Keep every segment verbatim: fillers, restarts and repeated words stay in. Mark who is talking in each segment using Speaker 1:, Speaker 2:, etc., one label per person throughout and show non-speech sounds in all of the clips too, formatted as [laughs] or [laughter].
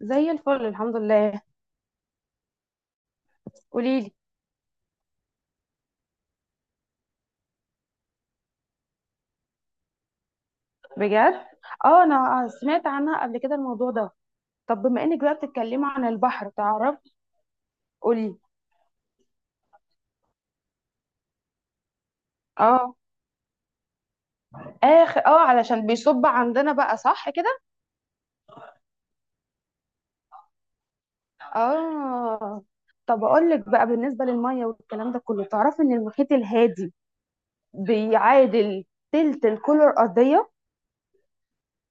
Speaker 1: زي الفل، الحمد لله. قوليلي. بجد؟ اه، انا سمعت عنها قبل كده الموضوع ده. طب بما انك بقى بتتكلمي عن البحر، تعرف. قولي. اه، اخر، اه علشان بيصب عندنا بقى، صح كده؟ اه. طب اقول لك بقى بالنسبه للميه والكلام ده كله، تعرفي ان المحيط الهادي بيعادل تلت الكره الارضيه.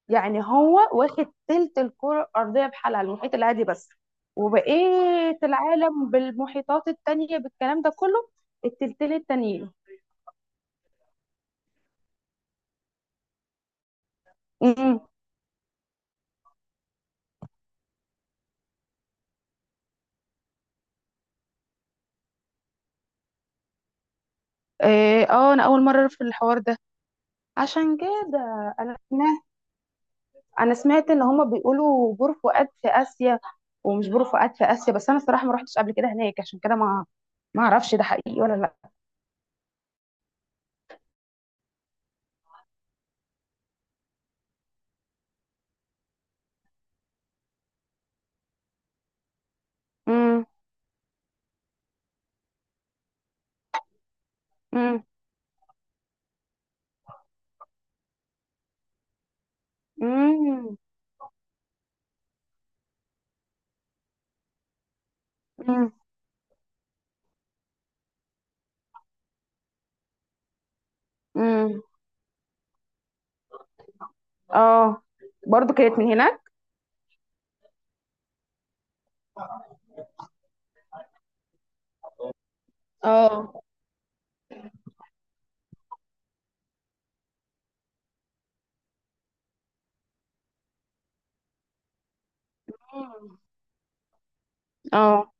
Speaker 1: يعني هو واخد تلت الكرة الأرضية بحالها، المحيط الهادي بس. وبقية العالم بالمحيطات التانية بالكلام ده كله، التلتين التانيين. أمم. إيه، اه انا اول مرة في الحوار ده. عشان كده، انا سمعت انا سمعت ان هما بيقولوا بور فؤاد في اسيا. ومش بور فؤاد في اسيا بس، انا الصراحة ما روحتش قبل كده هناك، عشان كده ما ما اعرفش ده حقيقي ولا لا. امم. امم. امم. امم. أمم. اه، برضو كانت من هناك. اه. اه.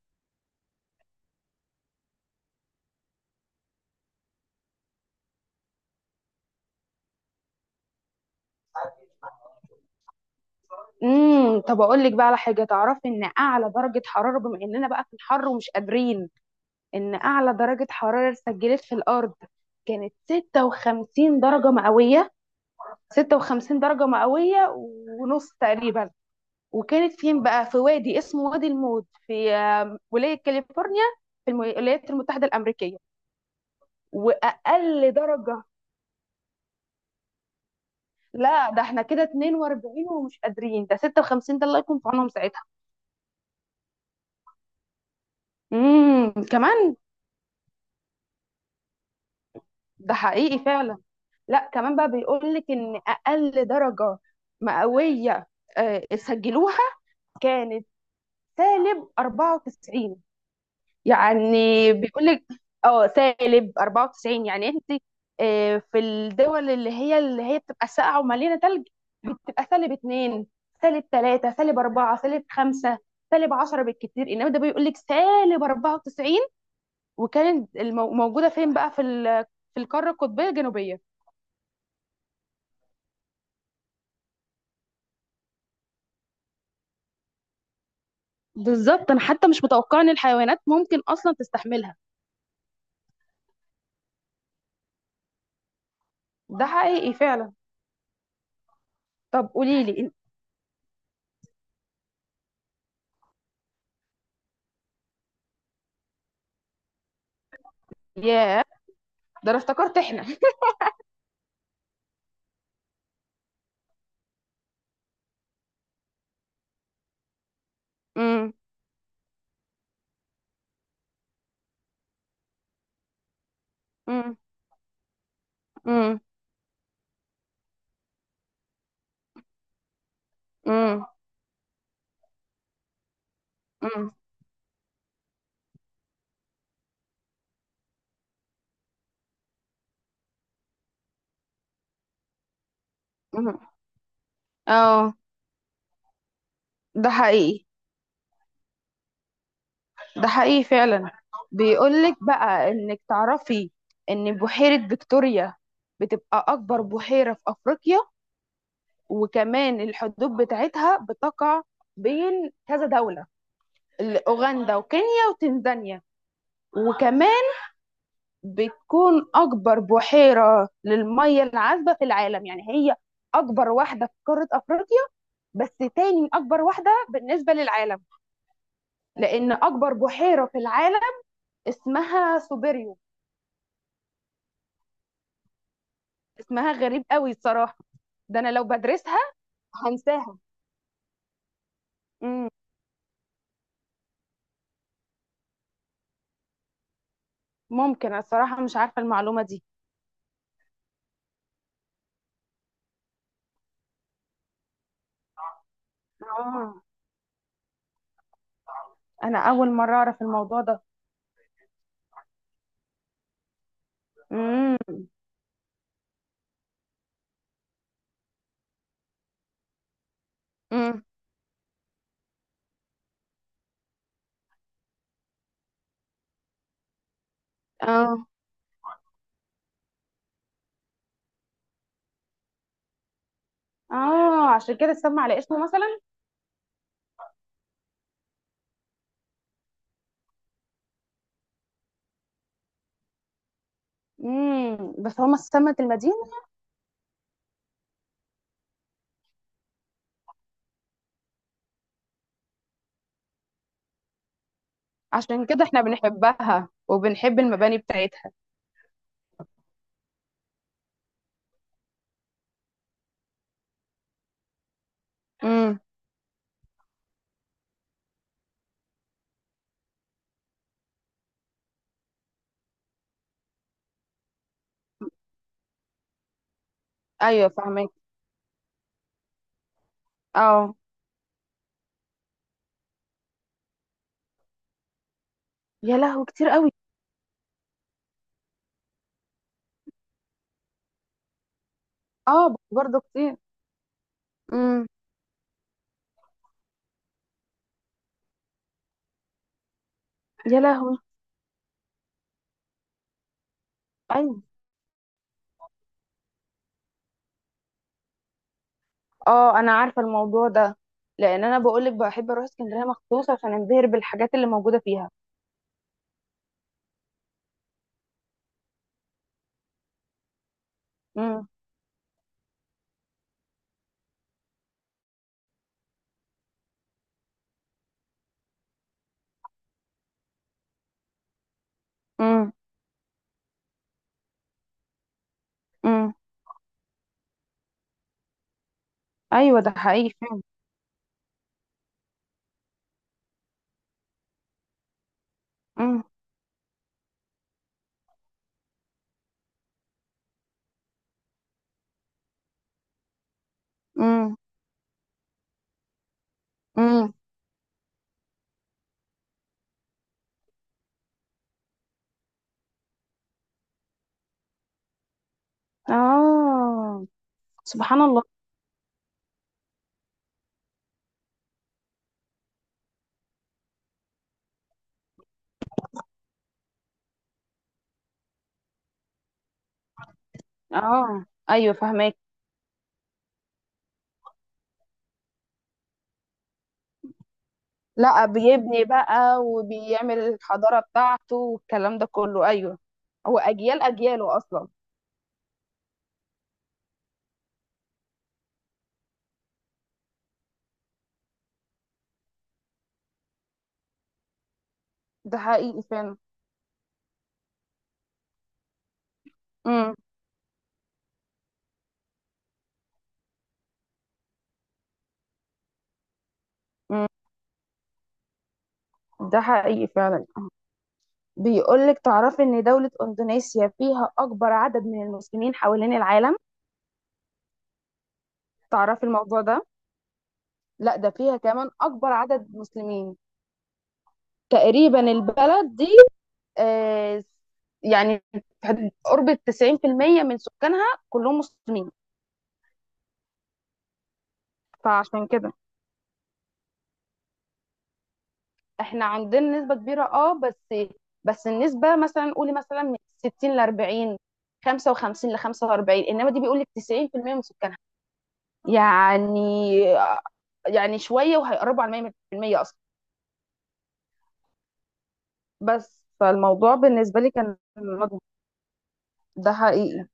Speaker 1: امم. طب اقول لك بقى على حاجه، تعرفي ان اعلى درجه حراره، بما اننا بقى في الحر ومش قادرين، ان اعلى درجه حراره سجلت في الارض كانت ستة وخمسين درجه مئويه. ستة وخمسين درجه مئويه ونص تقريبا. وكانت فين بقى؟ في وادي اسمه وادي الموت في آم، ولايه كاليفورنيا، في الم- الولايات المتحده الامريكيه. واقل درجه. لا ده احنا كده اتنين وأربعين ومش قادرين، ده ستة وخمسين ده الله يكون في عونهم ساعتها. امم، كمان. ده حقيقي فعلا. لا، كمان بقى بيقول لك ان اقل درجه مئويه آه، سجلوها كانت سالب أربعة وتسعين. يعني بيقول لك، اه سالب أربعة وتسعين، يعني انت آه، في الدول اللي هي اللي هي بتبقى ساقعه ومليانه ثلج بتبقى سالب اتنين، سالب تلاتة، سالب أربعة، سالب خمسة، سالب عشرة بالكتير، انما ده بيقول لك سالب أربعة وتسعين. وكانت المو- موجوده فين بقى؟ في ال- في القاره القطبيه الجنوبيه. بالظبط، انا حتى مش متوقعه ان الحيوانات ممكن اصلا تستحملها. ده حقيقي فعلا. طب قولي لي انت. ياه، ده انا افتكرت احنا [laughs] امم. امم. امم. امم. امم. اه. ده حقيقي. ده حقيقي فعلا. بيقولك بقى، انك تعرفي ان بحيرة فيكتوريا بتبقى اكبر بحيرة في افريقيا. وكمان الحدود بتاعتها بتقع بين كذا دولة: ال- اوغندا وكينيا وتنزانيا. وكمان بتكون أكبر بحيرة للمية العذبة في العالم. يعني هي أكبر واحدة في قارة أفريقيا، بس تاني أكبر واحدة بالنسبة للعالم، لأن أكبر بحيرة في العالم اسمها سوبيريو. اسمها غريب قوي الصراحة. ده أنا لو بدرسها هنساها. مم. ممكن، أنا الصراحة مش عارفة المعلومة دي. آه، أنا أول مرة أعرف الموضوع ده. مم. مم. آه. آه، عشان كده اتسمى على اسمه مثلا. مم. بس هما سمت المدينة. عشان كده احنا بنحبها وبنحب المباني بتاعتها. امم. ايوه، فاهمك. اه، يا لهوي، كتير قوي. اه، برضه كتير. امم. يا لهوي. ايوه. اه، انا عارفه الموضوع ده. لان انا بقولك بحب اروح اسكندريه مخصوص عشان انبهر بالحاجات اللي موجوده فيها. امم. امم. امم. ايوه، ده حقيقي فعلا. امم. امم. امم. اه، سبحان الله. اه، ايوه فاهمك. لا، بيبني بقى وبيعمل الحضارة بتاعته والكلام ده كله، أيوه. هو أجيال، أجياله أصلا. ده حقيقي فعلا. امم. امم. ده حقيقي فعلا. بيقولك تعرفي إن دولة إندونيسيا فيها أكبر عدد من المسلمين حوالين العالم. تعرفي الموضوع ده؟ لا، ده فيها كمان أكبر عدد مسلمين تقريبا البلد دي. آه، يعني في حدود- قرب تسعين في المية من سكانها كلهم مسلمين. فعشان كده احنا عندنا نسبة كبيرة، اه، بس بس النسبة مثلا قولي مثلا من ستين ل أربعين، خمسة وخمسين ل خمسة وأربعين، انما دي بيقول لك تسعين في المية من سكانها. يعني يعني شوية وهيقربوا على مية بالمية اصلا. بس فالموضوع بالنسبة لي كان مضغوط. ده حقيقي.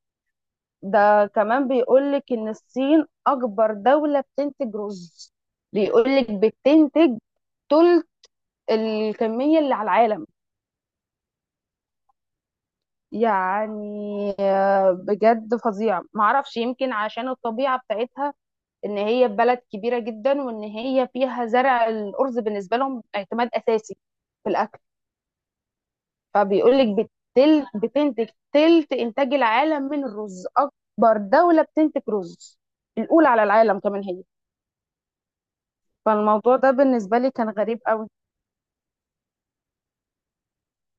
Speaker 1: ده كمان بيقول لك ان الصين اكبر دولة بتنتج رز. بيقول لك بتنتج تلت الكمية اللي على العالم. يعني آه، بجد فظيعة، معرفش يمكن عشان الطبيعة بتاعتها، ان هي بلد كبيرة جدا وان هي فيها زرع الأرز بالنسبة لهم اعتماد أساسي في الأكل. فبيقولك بتل بتنتج تلت إنتاج العالم من الرز، أكبر دولة بتنتج رز، الأولى على العالم كمان هي. فالموضوع ده بالنسبة لي كان غريب قوي.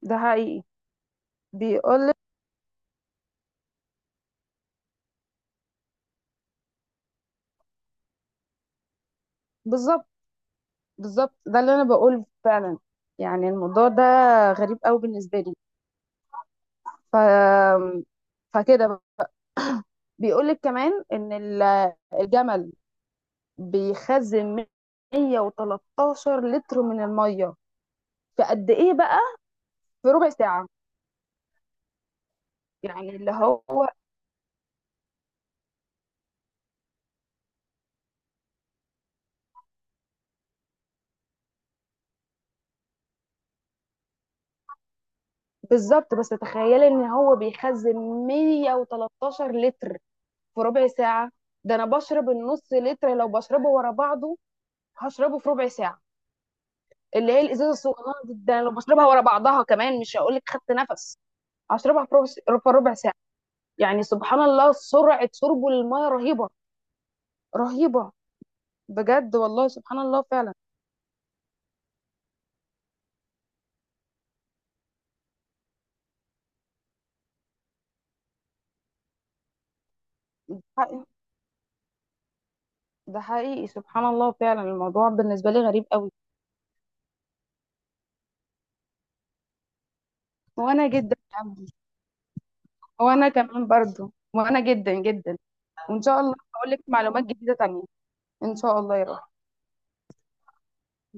Speaker 1: ده حقيقي. بيقولك، بالظبط، بالظبط ده اللي أنا بقول فعلا. يعني الموضوع ده غريب قوي بالنسبة لي. ف... فكده بيقول لك كمان ان ال- الجمل بيخزن مية وتلتاشر لتر من الميه في قد ايه بقى؟ في ربع ساعه. يعني اللي هو، بالظبط، بس تخيلي ان هو بيخزن مية وتلتاشر لتر في ربع ساعه. ده انا بشرب النص لتر، لو بشربه ورا بعضه هشربه في ربع ساعه. اللي هي الازازه الصغيره دي، ده أنا لو بشربها ورا بعضها كمان، مش هقول لك خدت نفس، هشربها في ربع في ربع ساعه. يعني سبحان الله، سرعة شربه للمية رهيبة. رهيبة، بجد والله، سبحان الله فعلا. حقيقي- ده حقيقي، سبحان الله فعلا، الموضوع بالنسبة لي غريب قوي. وانا جدا يا عبدي. وانا كمان برضو، وانا جدا جدا. وان شاء الله هقول لك معلومات جديدة تانية. ان شاء الله يا رب.